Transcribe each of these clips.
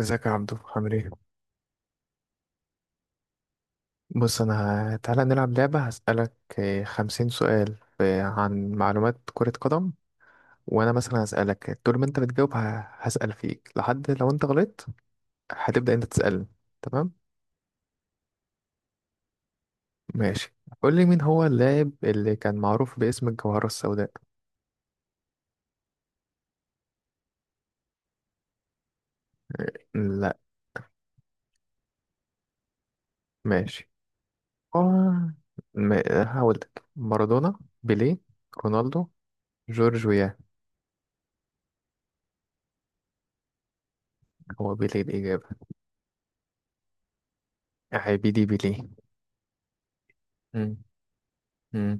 ازيك يا عبدو، عامل ايه؟ بص انا. تعالى نلعب لعبة هسألك. 50 سؤال عن معلومات كرة قدم. وانا مثلا هسألك طول ما انت بتجاوب، هسأل فيك لحد لو انت غلطت. هتبدأ انت تسألني؟ تمام. ماشي. قول لي، مين هو اللاعب اللي كان معروف باسم الجوهرة السوداء؟ لا. ماشي. آه. م- هقول لك مارادونا، بيليه، رونالدو، جورج ويا. هو بيليه الإجابة. عبيدي بيليه. مم. مم.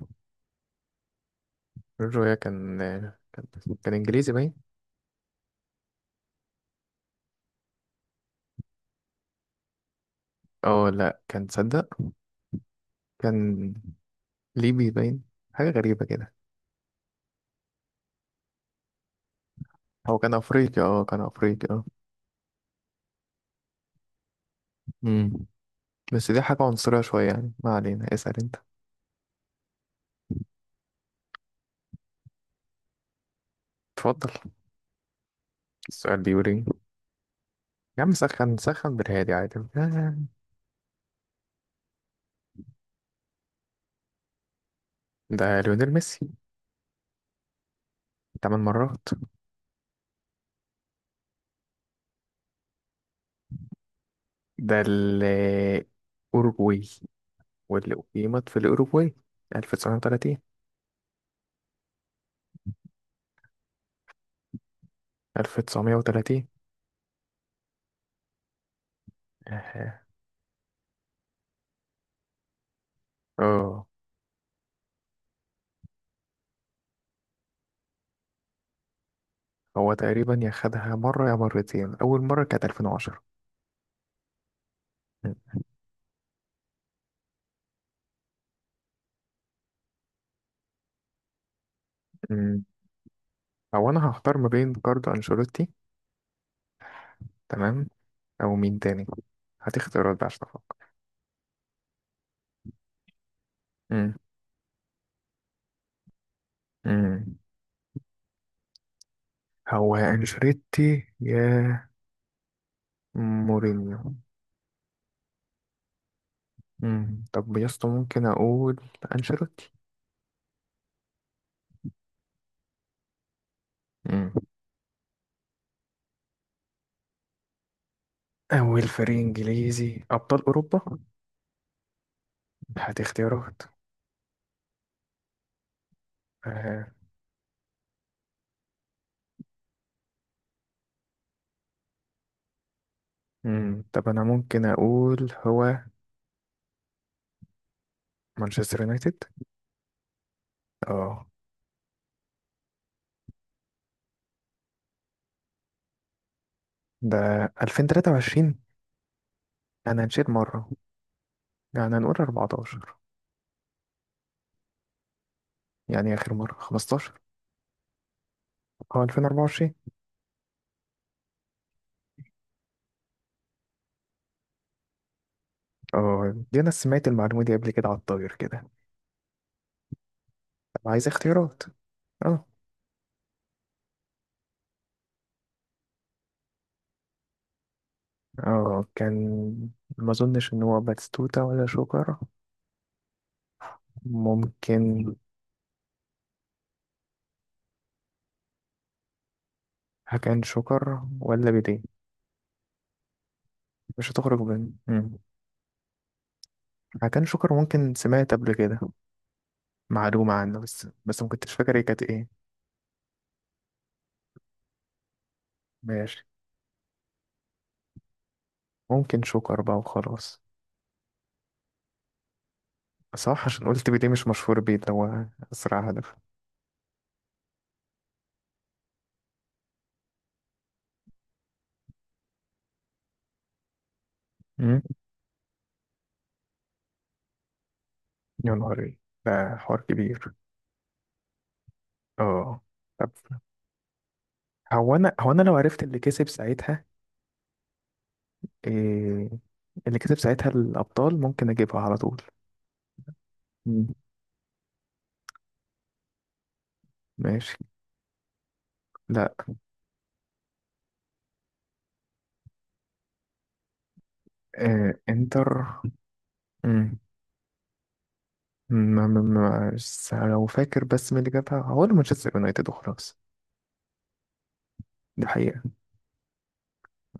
جورجيا كان كان انجليزي باين. اه، لا، كان ليبي باين. حاجه غريبه كده. هو كان افريقي، اه كان افريقي، اه. امم بس دي حاجه عنصريه شويه يعني، ما علينا، اسال انت. اتفضل. السؤال بيقول ايه؟ يا عم، سخن سخن بالهادي عادي. ده ليونيل ميسي. 8 مرات. ده الأوروجواي، واللي أقيمت في الأوروجواي. 1930. 1930. اه. آه. هو تقريبا، يا خدها مرة يا مرتين، أول مرة كانت 2010. م- م. أو أنا هختار ما بين كاردو أنشيلوتي. تمام. أو مين تاني؟ هتختارات بقى عشان أفكر. م- م. هو يا أنشيلوتي يا مورينيو. طب يا اسطى، ممكن أقول أنشيلوتي. م. أول فريق إنجليزي أبطال أوروبا؟ هات اختيارات. آه. طب أنا ممكن أقول هو مانشستر يونايتد. اه. ده 2023. أنا مشيت مرة، يعني هنقول 14. يعني آخر مرة 15. أه، 2024. أه، دي أنا سمعت المعلومة دي قبل كده على الطاير كده. طب عايز اختيارات. أه. أه، ما أظنش إن هو باتستوتا ولا شوكر. ممكن. هكان شوكر ولا بيديه؟ مش هتخرج من هكان شوكر، ممكن سمعت قبل كده معلومة عنه، بس ما كنتش فاكر هي كانت إيه. ماشي. ممكن شوكر بقى وخلاص. صح، عشان قلت بيديه مش مشهور بيه اللي هو أسرع هدف. يا نهار إيه. ده حوار كبير. اه. طب هو انا لو عرفت اللي كسب ساعتها إيه، اللي كسب ساعتها الابطال ممكن اجيبها على طول. مم. ماشي. لا. إيه انتر؟ مم. ما بس لو فاكر، بس مين اللي جابها هو مانشستر يونايتد وخلاص. دي حقيقة.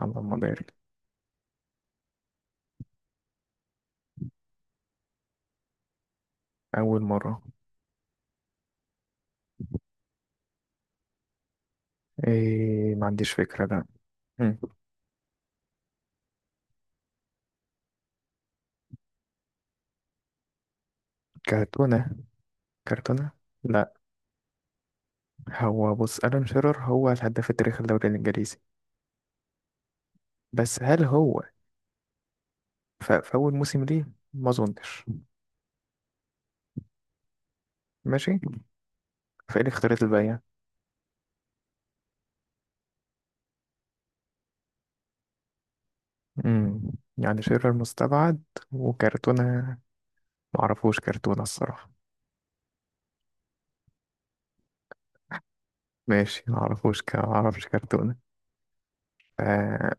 اللهم بارك. أول مرة. إيه، ما عنديش فكرة، لا. مم. كارتونة، كارتونة. لا. هو بص، ألان شيرر هو الهداف التاريخي الدوري الإنجليزي. بس هل هو، فأول موسم ليه، ما أظنش. ماشي. فإيه الاختيارات الباقية؟ امم يعني شيرر مستبعد. وكرتونة. معرفوش كرتونة الصراحة. ماشي، معرفوش معرفش كرتونة. ف-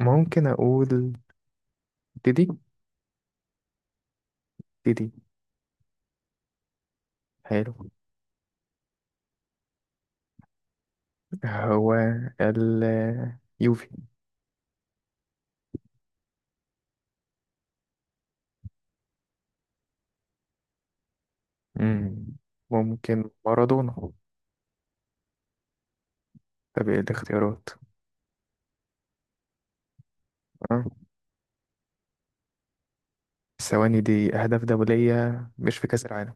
ممكن أقول ديدي. ديدي. حلو. هو ال يوفي. امم ممكن مارادونا. طب إيه الاختيارات؟ أه. الثواني دي أهداف دولية مش في كأس العالم،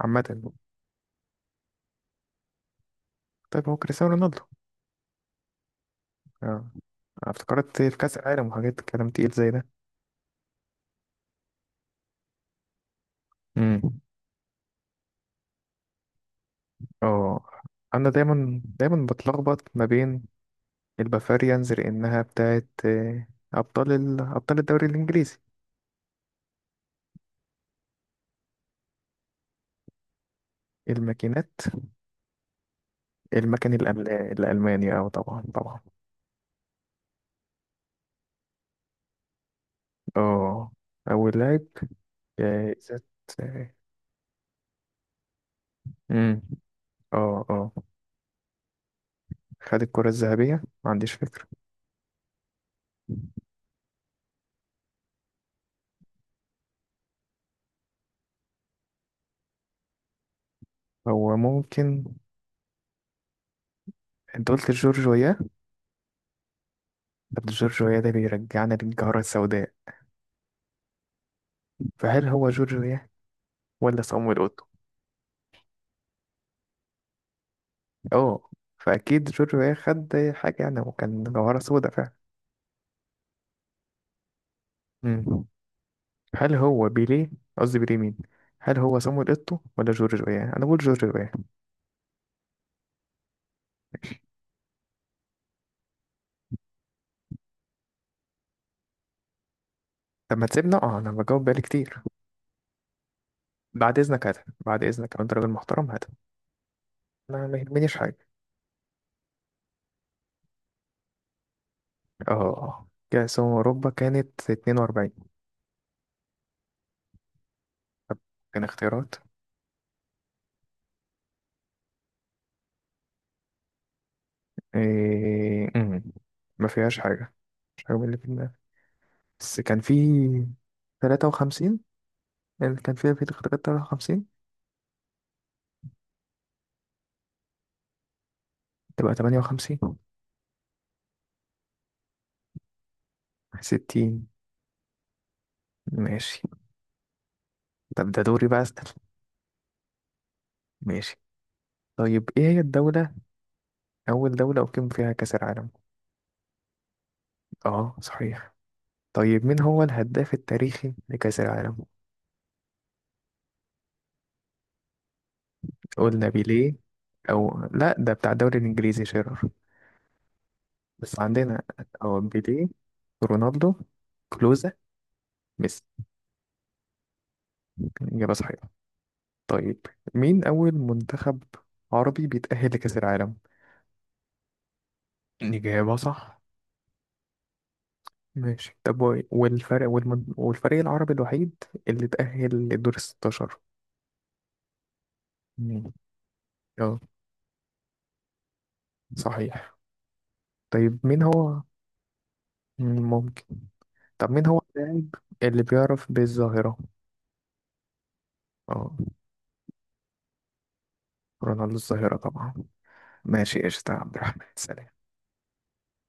عامة. طيب هو كريستيانو رونالدو. اه، افتكرت في كأس العالم وحاجات، كلام تقيل زي ده. امم اه، انا دايما دايما بتلخبط ما بين البافاريانز لانها بتاعت، ابطال الدوري الانجليزي. الماكينات. الالماني، اه طبعا طبعا. اه، اول لاعب جايزة. آه، امم اه، اه، خد الكرة الذهبية، ما عنديش فكرة. هو ممكن. انت قلت جورج وياه. طب جورج وياه ده بيرجعنا للجارة السوداء. فهل هو جورج وياه ولا صامويل اوتو؟ اه، فاكيد جورجو خد حاجه يعني، وكان جوهره سودا فعلا. مم. هل هو بيليه؟ قصدي بيليه مين؟ هل هو صامويل اوتو ولا جورجو ايه؟ انا بقول جورجو ايه. طب ما تسيبنا، اه انا بجاوب بقالي كتير. بعد اذنك هات. بعد اذنك لو انت راجل محترم هات. انا ما يهمنيش حاجه. اه، كاس أمم اوروبا كانت 42. كان اختيارات. إيه... مم. ما فيهاش حاجه، مش حاجه من اللي في دماغي. بس كان في 53، اللي كان فيها في اختيارات 53. تبقى 58. 60. ماشي. طب ده دوري بقى أسأل. ماشي طيب، إيه هي الدولة، أول دولة أقيم فيها كأس العالم؟ آه صحيح. طيب مين هو الهداف التاريخي لكأس العالم؟ قلنا بيليه. أو لأ، ده بتاع الدوري الإنجليزي شيرر. بس عندنا، أو بيليه، رونالدو، كلوزا، ميسي. إجابة صحيحة. طيب مين أول منتخب عربي بيتأهل لكأس العالم؟ إجابة صح. ماشي طب والفريق العربي الوحيد اللي تأهل لدور الستاشر. مم. اه صحيح. طيب مين هو. ممكن. طب مين هو اللاعب اللي بيعرف بالظاهرة؟ اه، رونالدو الظاهرة طبعا. ماشي قشطة يا عبد الرحمن، سلام.